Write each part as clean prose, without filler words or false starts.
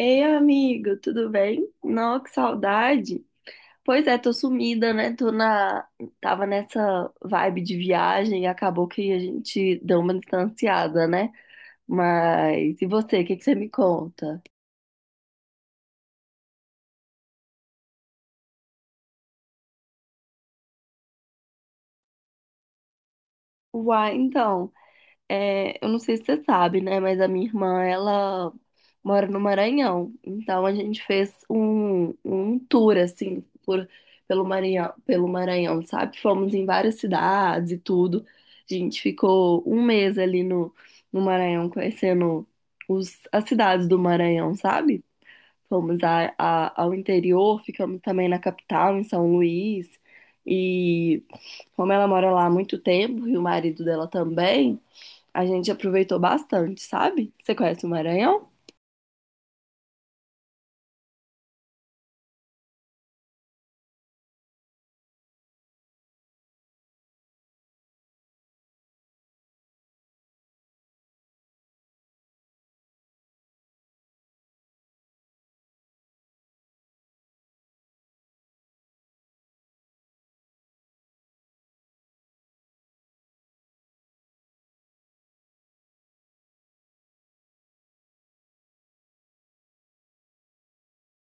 Ei, amigo, tudo bem? Não que saudade. Pois é, tô sumida, né? Tô na... Tava nessa vibe de viagem e acabou que a gente deu uma distanciada, né? Mas e você, o que que você me conta? Uai, então. É, eu não sei se você sabe, né? Mas a minha irmã, ela mora no Maranhão. Então a gente fez um tour, assim, por, pelo Maranhão, sabe? Fomos em várias cidades e tudo. A gente ficou um mês ali no Maranhão, conhecendo as cidades do Maranhão, sabe? Fomos ao interior, ficamos também na capital, em São Luís. E como ela mora lá há muito tempo, e o marido dela também. A gente aproveitou bastante, sabe? Você conhece o Maranhão?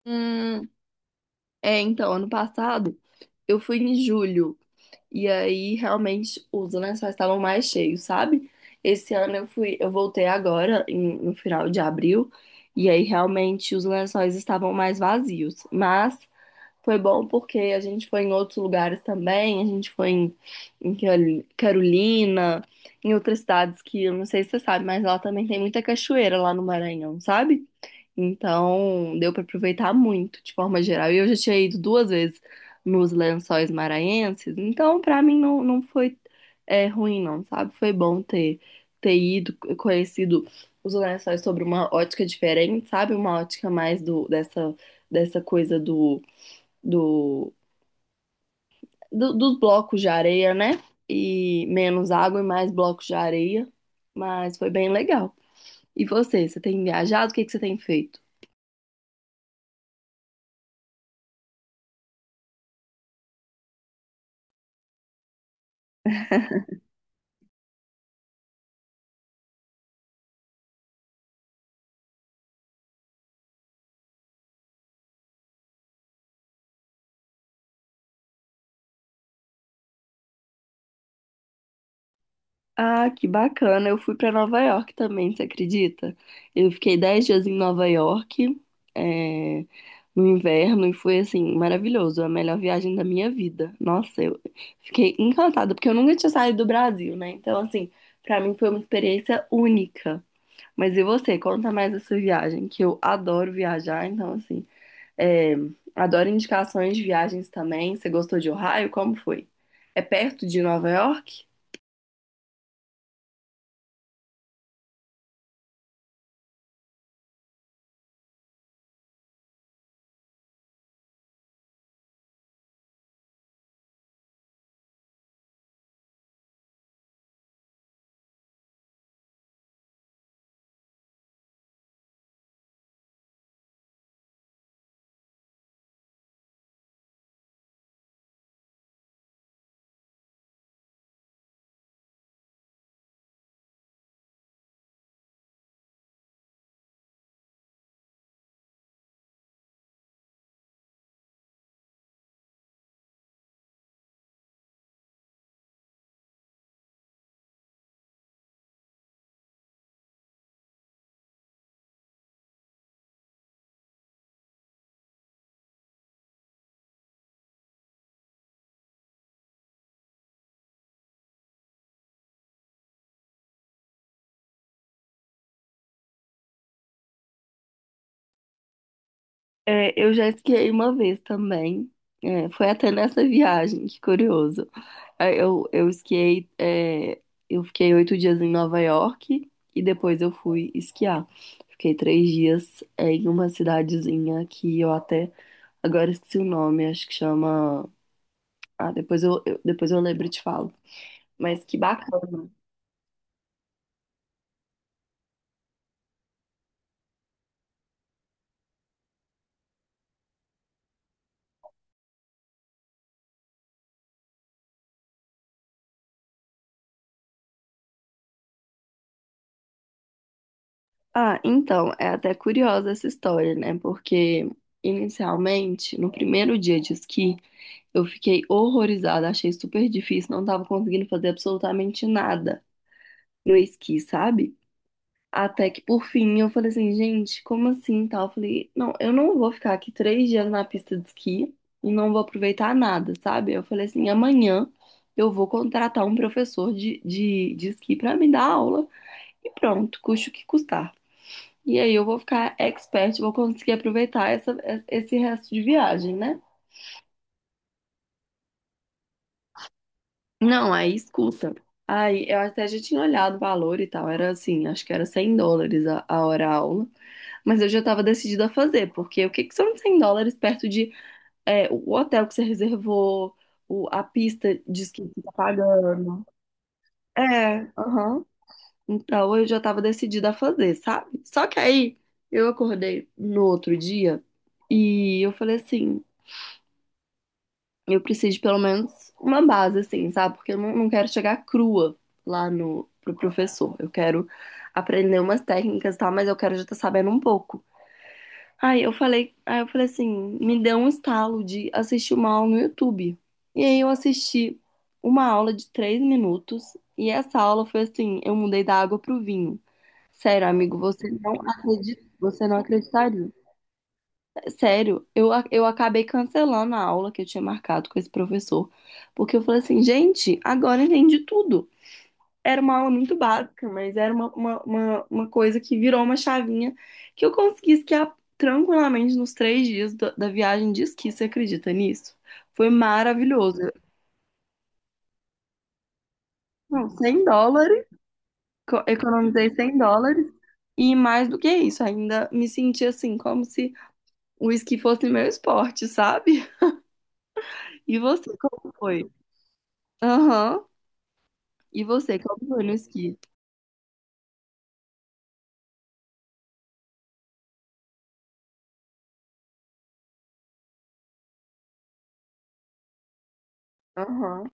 Hum, É, então, ano passado eu fui em julho e aí realmente os lençóis estavam mais cheios, sabe? Esse ano eu fui, eu voltei agora no final de abril e aí realmente os lençóis estavam mais vazios, mas foi bom porque a gente foi em outros lugares também, a gente foi em, em Carolina, em outras cidades que eu não sei se você sabe, mas lá também tem muita cachoeira lá no Maranhão, sabe? Então deu pra aproveitar muito de forma geral. E eu já tinha ido duas vezes nos Lençóis Maranhenses, então pra mim não, não foi é, ruim não, sabe? Foi bom ter, ter ido, conhecido os Lençóis sobre uma ótica diferente, sabe? Uma ótica mais dessa coisa do, dos blocos de areia, né? E menos água e mais blocos de areia. Mas foi bem legal. E você, tem viajado? O que que você tem feito? Ah, que bacana. Eu fui para Nova York também, você acredita? Eu fiquei 10 dias em Nova York, é, no inverno, e foi assim, maravilhoso. A melhor viagem da minha vida. Nossa, eu fiquei encantada, porque eu nunca tinha saído do Brasil, né? Então, assim, para mim foi uma experiência única. Mas e você? Conta mais essa viagem, que eu adoro viajar, então assim, é, adoro indicações de viagens também. Você gostou de Ohio? Como foi? É perto de Nova York? É, eu já esquiei uma vez também. É, foi até nessa viagem, que curioso. É, eu esquiei. Eu fiquei 8 dias em Nova York e depois eu fui esquiar. Fiquei 3 dias em uma cidadezinha que eu até agora esqueci o nome, acho que chama... Ah, depois depois eu lembro e te falo. Mas que bacana. Ah, então, é até curiosa essa história, né? Porque inicialmente, no primeiro dia de esqui, eu fiquei horrorizada, achei super difícil, não tava conseguindo fazer absolutamente nada no esqui, sabe? Até que por fim eu falei assim, gente, como assim, tal? Eu falei, não, eu não vou ficar aqui 3 dias na pista de esqui e não vou aproveitar nada, sabe? Eu falei assim, amanhã eu vou contratar um professor de esqui pra me dar aula. E pronto, custe o que custar. E aí eu vou ficar expert, vou conseguir aproveitar essa, esse resto de viagem, né? Não, aí escuta. Aí eu até já tinha olhado o valor e tal, era assim, acho que era US$ 100 a hora aula, mas eu já estava decidida a fazer, porque o que, que são US$ 100 perto de, é, o hotel que você reservou, a pista de esqui que você tá pagando? É, aham. Então eu já estava decidida a fazer, sabe? Só que aí eu acordei no outro dia e eu falei assim, eu preciso de pelo menos uma base, assim, sabe? Porque eu não quero chegar crua lá no pro professor. Eu quero aprender umas técnicas, e tal, mas eu quero já estar sabendo um pouco. Aí eu falei assim, me deu um estalo de assistir uma aula no YouTube. E aí eu assisti uma aula de 3 minutos e essa aula foi assim, eu mudei da água pro vinho. Sério, amigo, você não acredita, você não acreditaria. Sério, eu acabei cancelando a aula que eu tinha marcado com esse professor, porque eu falei assim, gente, agora eu entendi tudo. Era uma aula muito básica, mas era uma coisa que virou uma chavinha que eu consegui esquiar tranquilamente nos 3 dias da viagem de esqui. Você acredita nisso? Foi maravilhoso. Não, US$ 100, economizei US$ 100. E mais do que isso, ainda me senti assim, como se o esqui fosse meu esporte, sabe? E você, como foi? Aham. E você, como foi no esqui? Aham.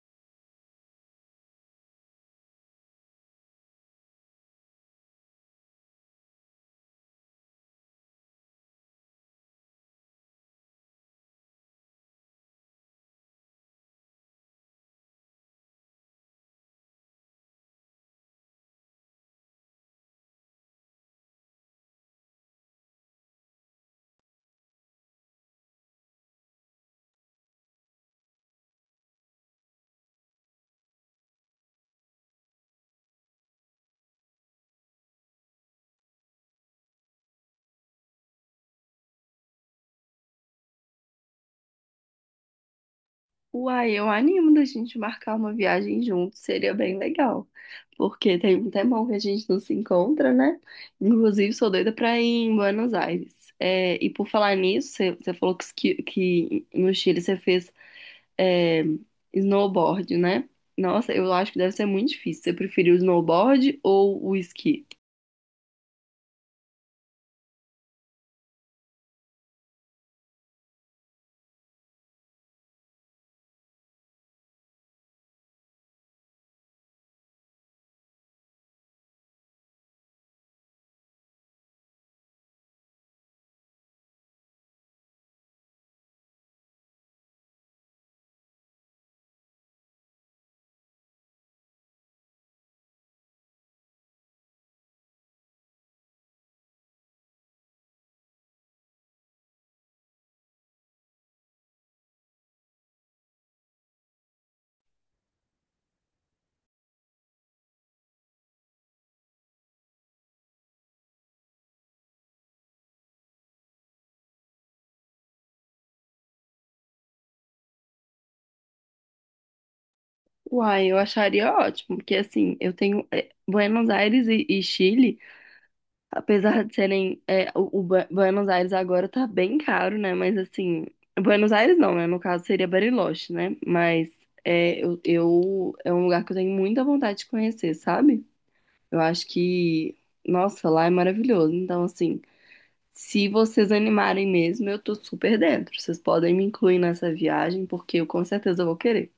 Uai, eu animo da gente marcar uma viagem junto, seria bem legal. Porque tem um tempão que a gente não se encontra, né? Inclusive, sou doida pra ir em Buenos Aires. É, e por falar nisso, você falou que, que no Chile você fez, é, snowboard, né? Nossa, eu acho que deve ser muito difícil. Você preferiu o snowboard ou o esqui? Uai, eu acharia ótimo, porque assim, eu tenho, Buenos Aires e Chile, apesar de serem, o Buenos Aires agora tá bem caro, né? Mas assim, Buenos Aires não, né? No caso seria Bariloche, né? Mas é um lugar que eu tenho muita vontade de conhecer, sabe? Eu acho que, nossa, lá é maravilhoso. Então, assim, se vocês animarem mesmo, eu tô super dentro. Vocês podem me incluir nessa viagem, porque eu com certeza vou querer.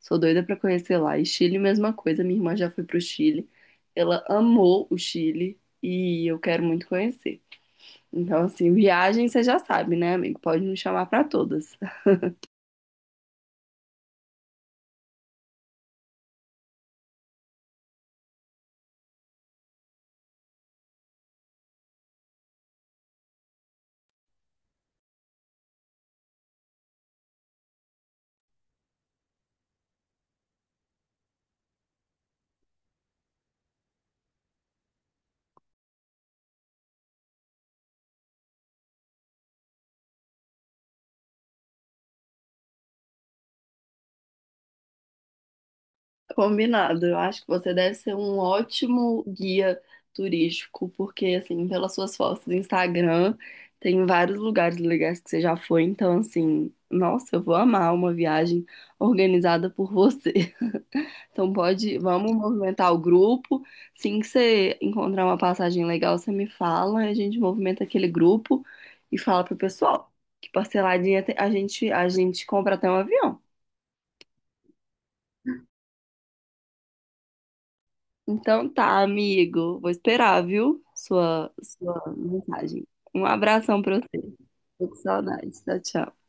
Sou doida pra conhecer lá. E Chile, mesma coisa. Minha irmã já foi pro Chile. Ela amou o Chile e eu quero muito conhecer. Então, assim, viagem você já sabe, né, amigo? Pode me chamar pra todas. Combinado. Eu acho que você deve ser um ótimo guia turístico, porque, assim, pelas suas fotos do Instagram, tem vários lugares legais que você já foi. Então, assim, nossa, eu vou amar uma viagem organizada por você. Então pode, vamos movimentar o grupo. Assim que você encontrar uma passagem legal, você me fala, a gente movimenta aquele grupo e fala pro pessoal que parceladinha a gente compra até um avião. Então tá, amigo, vou esperar, viu? Sua mensagem. Um abração pra você. Tô com saudade. Tchau, tchau.